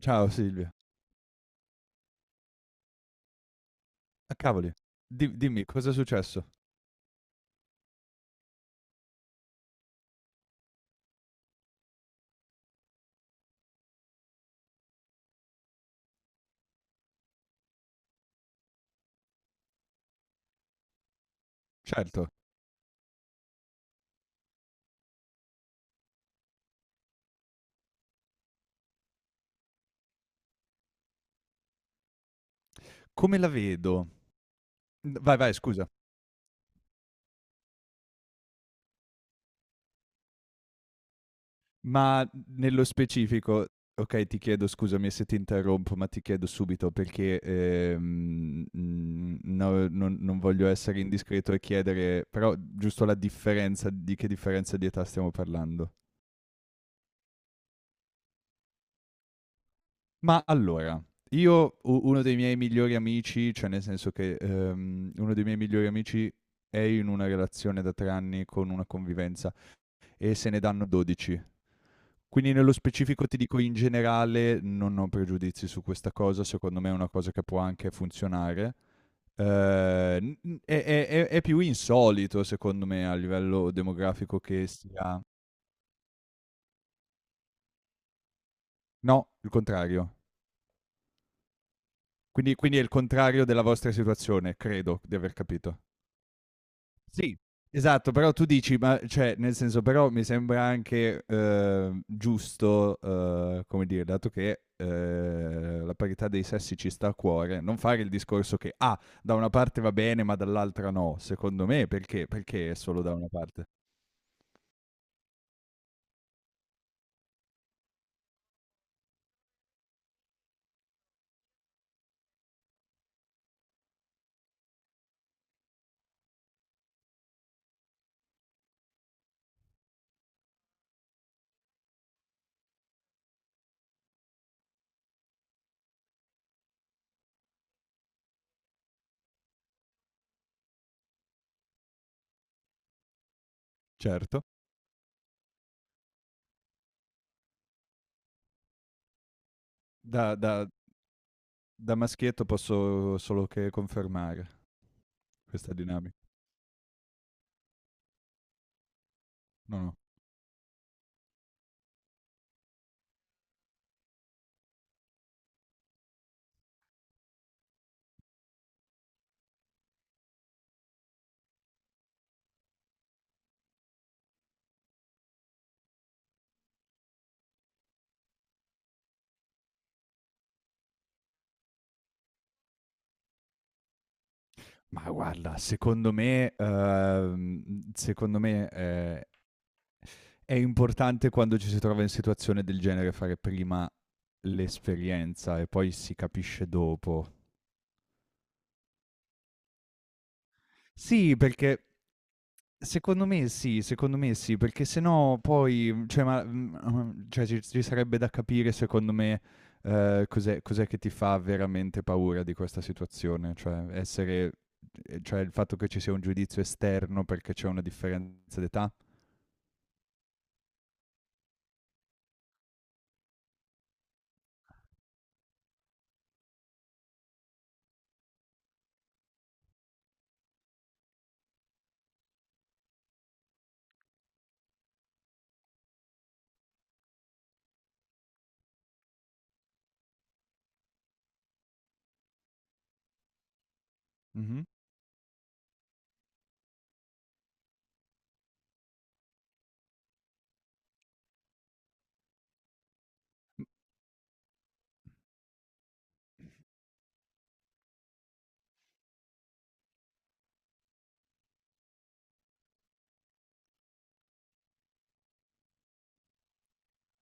Ciao Silvia. Ah cavoli. Di dimmi cos'è successo? Certo. Come la vedo? Vai, scusa. Ma nello specifico okay, ti chiedo scusami se ti interrompo, ma ti chiedo subito perché, no non voglio essere indiscreto e chiedere però giusto la differenza di che differenza di età stiamo parlando? Ma allora, io u uno dei miei migliori amici, cioè nel senso che, uno dei miei migliori amici è in una relazione da 3 anni con una convivenza e se ne danno 12. Quindi nello specifico ti dico in generale non ho pregiudizi su questa cosa, secondo me è una cosa che può anche funzionare. È più insolito secondo me a livello demografico che sia no, il contrario. Quindi è il contrario della vostra situazione, credo di aver capito. Sì, esatto, però tu dici, ma cioè, nel senso, però mi sembra anche, giusto, come dire, dato che, la parità dei sessi ci sta a cuore, non fare il discorso che, ah, da una parte va bene, ma dall'altra no. Secondo me, perché è solo da una parte? Certo. Da da Da maschietto posso solo che confermare questa dinamica. No, no. Ma guarda, secondo me, secondo me, è importante quando ci si trova in situazione del genere fare prima l'esperienza e poi si capisce dopo. Sì, perché secondo me sì, perché sennò poi, cioè, ma, cioè ci sarebbe da capire secondo me, cos'è che ti fa veramente paura di questa situazione, cioè essere cioè il fatto che ci sia un giudizio esterno perché c'è una differenza d'età? Mh-mh.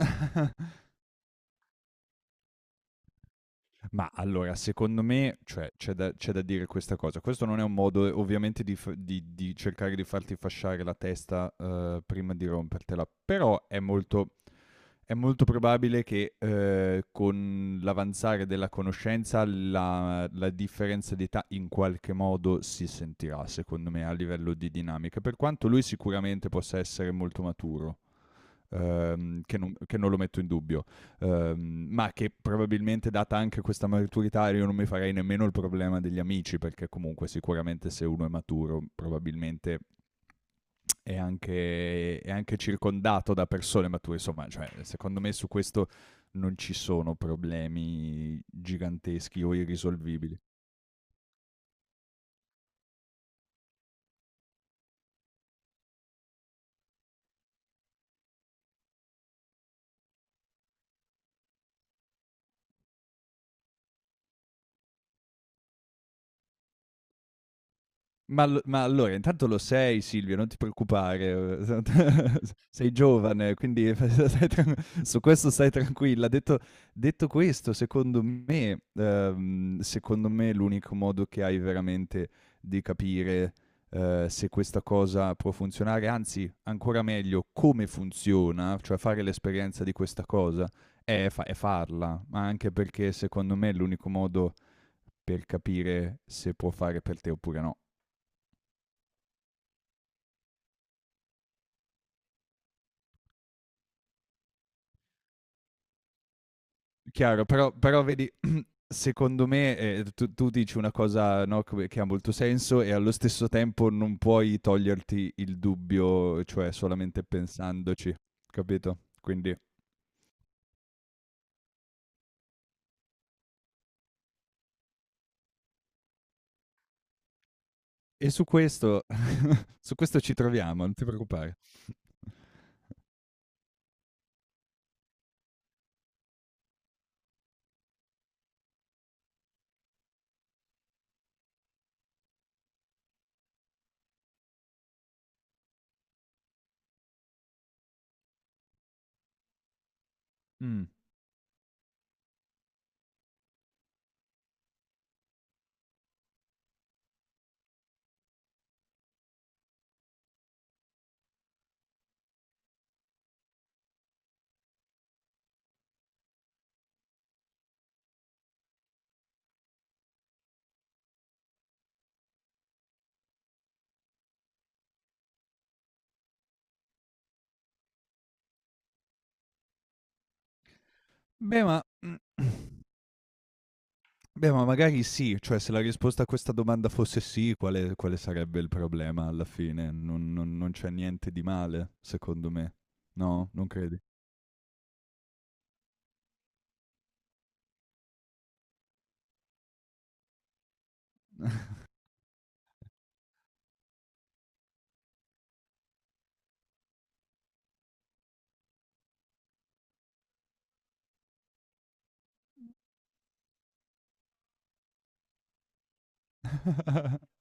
Ma allora, secondo me, cioè, c'è da dire questa cosa. Questo non è un modo, ovviamente, di cercare di farti fasciare la testa prima di rompertela, però è è molto probabile che con l'avanzare della conoscenza la differenza di età in qualche modo si sentirà, secondo me, a livello di dinamica, per quanto lui sicuramente possa essere molto maturo che non lo metto in dubbio, ma che probabilmente data anche questa maturità io non mi farei nemmeno il problema degli amici, perché comunque sicuramente se uno è maturo probabilmente è è anche circondato da persone mature, insomma, cioè, secondo me su questo non ci sono problemi giganteschi o irrisolvibili. Ma allora intanto lo sei Silvio, non ti preoccupare, s sei giovane, quindi stai tran su questo stai tranquilla. Detto questo, secondo me l'unico modo che hai veramente di capire, se questa cosa può funzionare, anzi ancora meglio come funziona, cioè fare l'esperienza di questa cosa, è farla, ma anche perché secondo me è l'unico modo per capire se può fare per te oppure no. Chiaro, però vedi, secondo me tu dici una cosa no, che ha molto senso e allo stesso tempo non puoi toglierti il dubbio, cioè solamente pensandoci, capito? Quindi, e su questo, su questo ci troviamo, non ti preoccupare. Mm. Beh, ma, beh, ma magari sì, cioè se la risposta a questa domanda fosse sì, quale sarebbe il problema alla fine? Non non c'è niente di male, secondo me. No, non credi?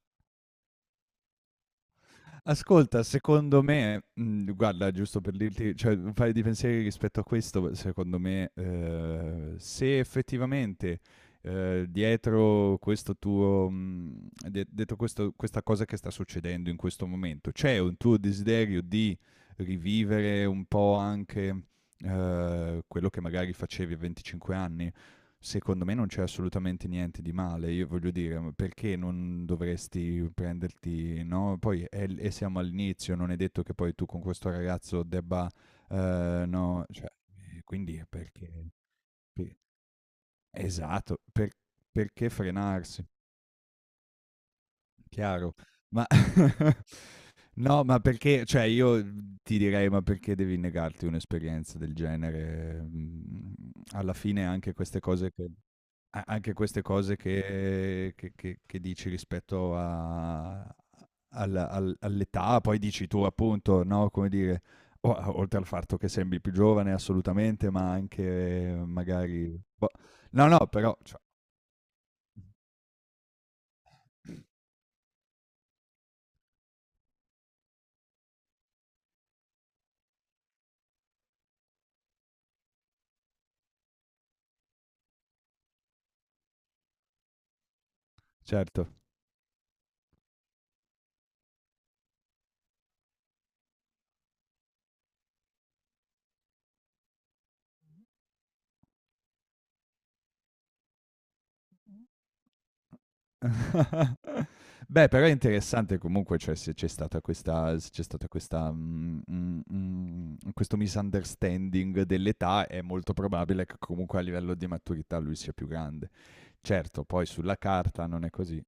Ascolta, secondo me guarda giusto per dirti cioè un paio di pensieri rispetto a questo, secondo me, se effettivamente, dietro questo tuo mhmm, de dietro questo questa cosa che sta succedendo in questo momento, c'è un tuo desiderio di rivivere un po' quello che magari facevi a 25 anni? Secondo me non c'è assolutamente niente di male, io voglio dire, ma perché non dovresti prenderti, no? Poi e siamo all'inizio, non è detto che poi tu con questo ragazzo debba, no, cioè, quindi pe- esatto, perché frenarsi? Chiaro. Ma no, ma perché, cioè io ti direi, ma perché devi negarti un'esperienza del genere? Mm, alla fine anche queste cose che... A anche queste cose che dici rispetto a al al all'età, poi dici tu appunto, no, come dire, o a oltre al fatto che sembri più giovane assolutamente, ma anche magari boh, no, no, però cioè certo. Beh, però è interessante comunque, cioè se c'è stata questa questo misunderstanding dell'età, è molto probabile che comunque a livello di maturità lui sia più grande. Certo, poi sulla carta non è così.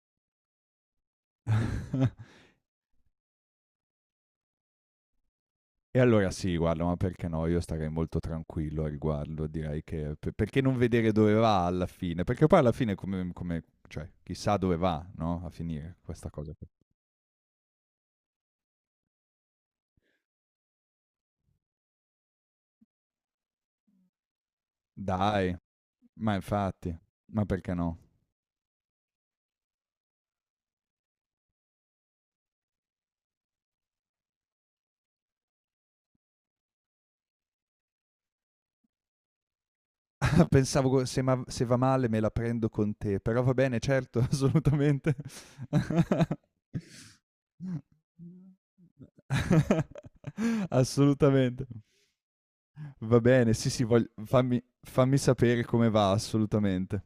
E allora sì, guarda, ma perché no? Io starei molto tranquillo a riguardo, direi che... Perché non vedere dove va alla fine? Perché poi alla fine come... cioè, chissà dove va, no? A finire questa cosa. Qui. Dai, ma infatti, ma perché no? Ah, pensavo se va male me la prendo con te, però va bene, certo, assolutamente. Assolutamente. Va bene, sì, sì, fammi, fammi sapere come va, assolutamente.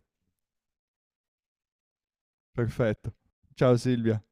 Perfetto. Ciao Silvia.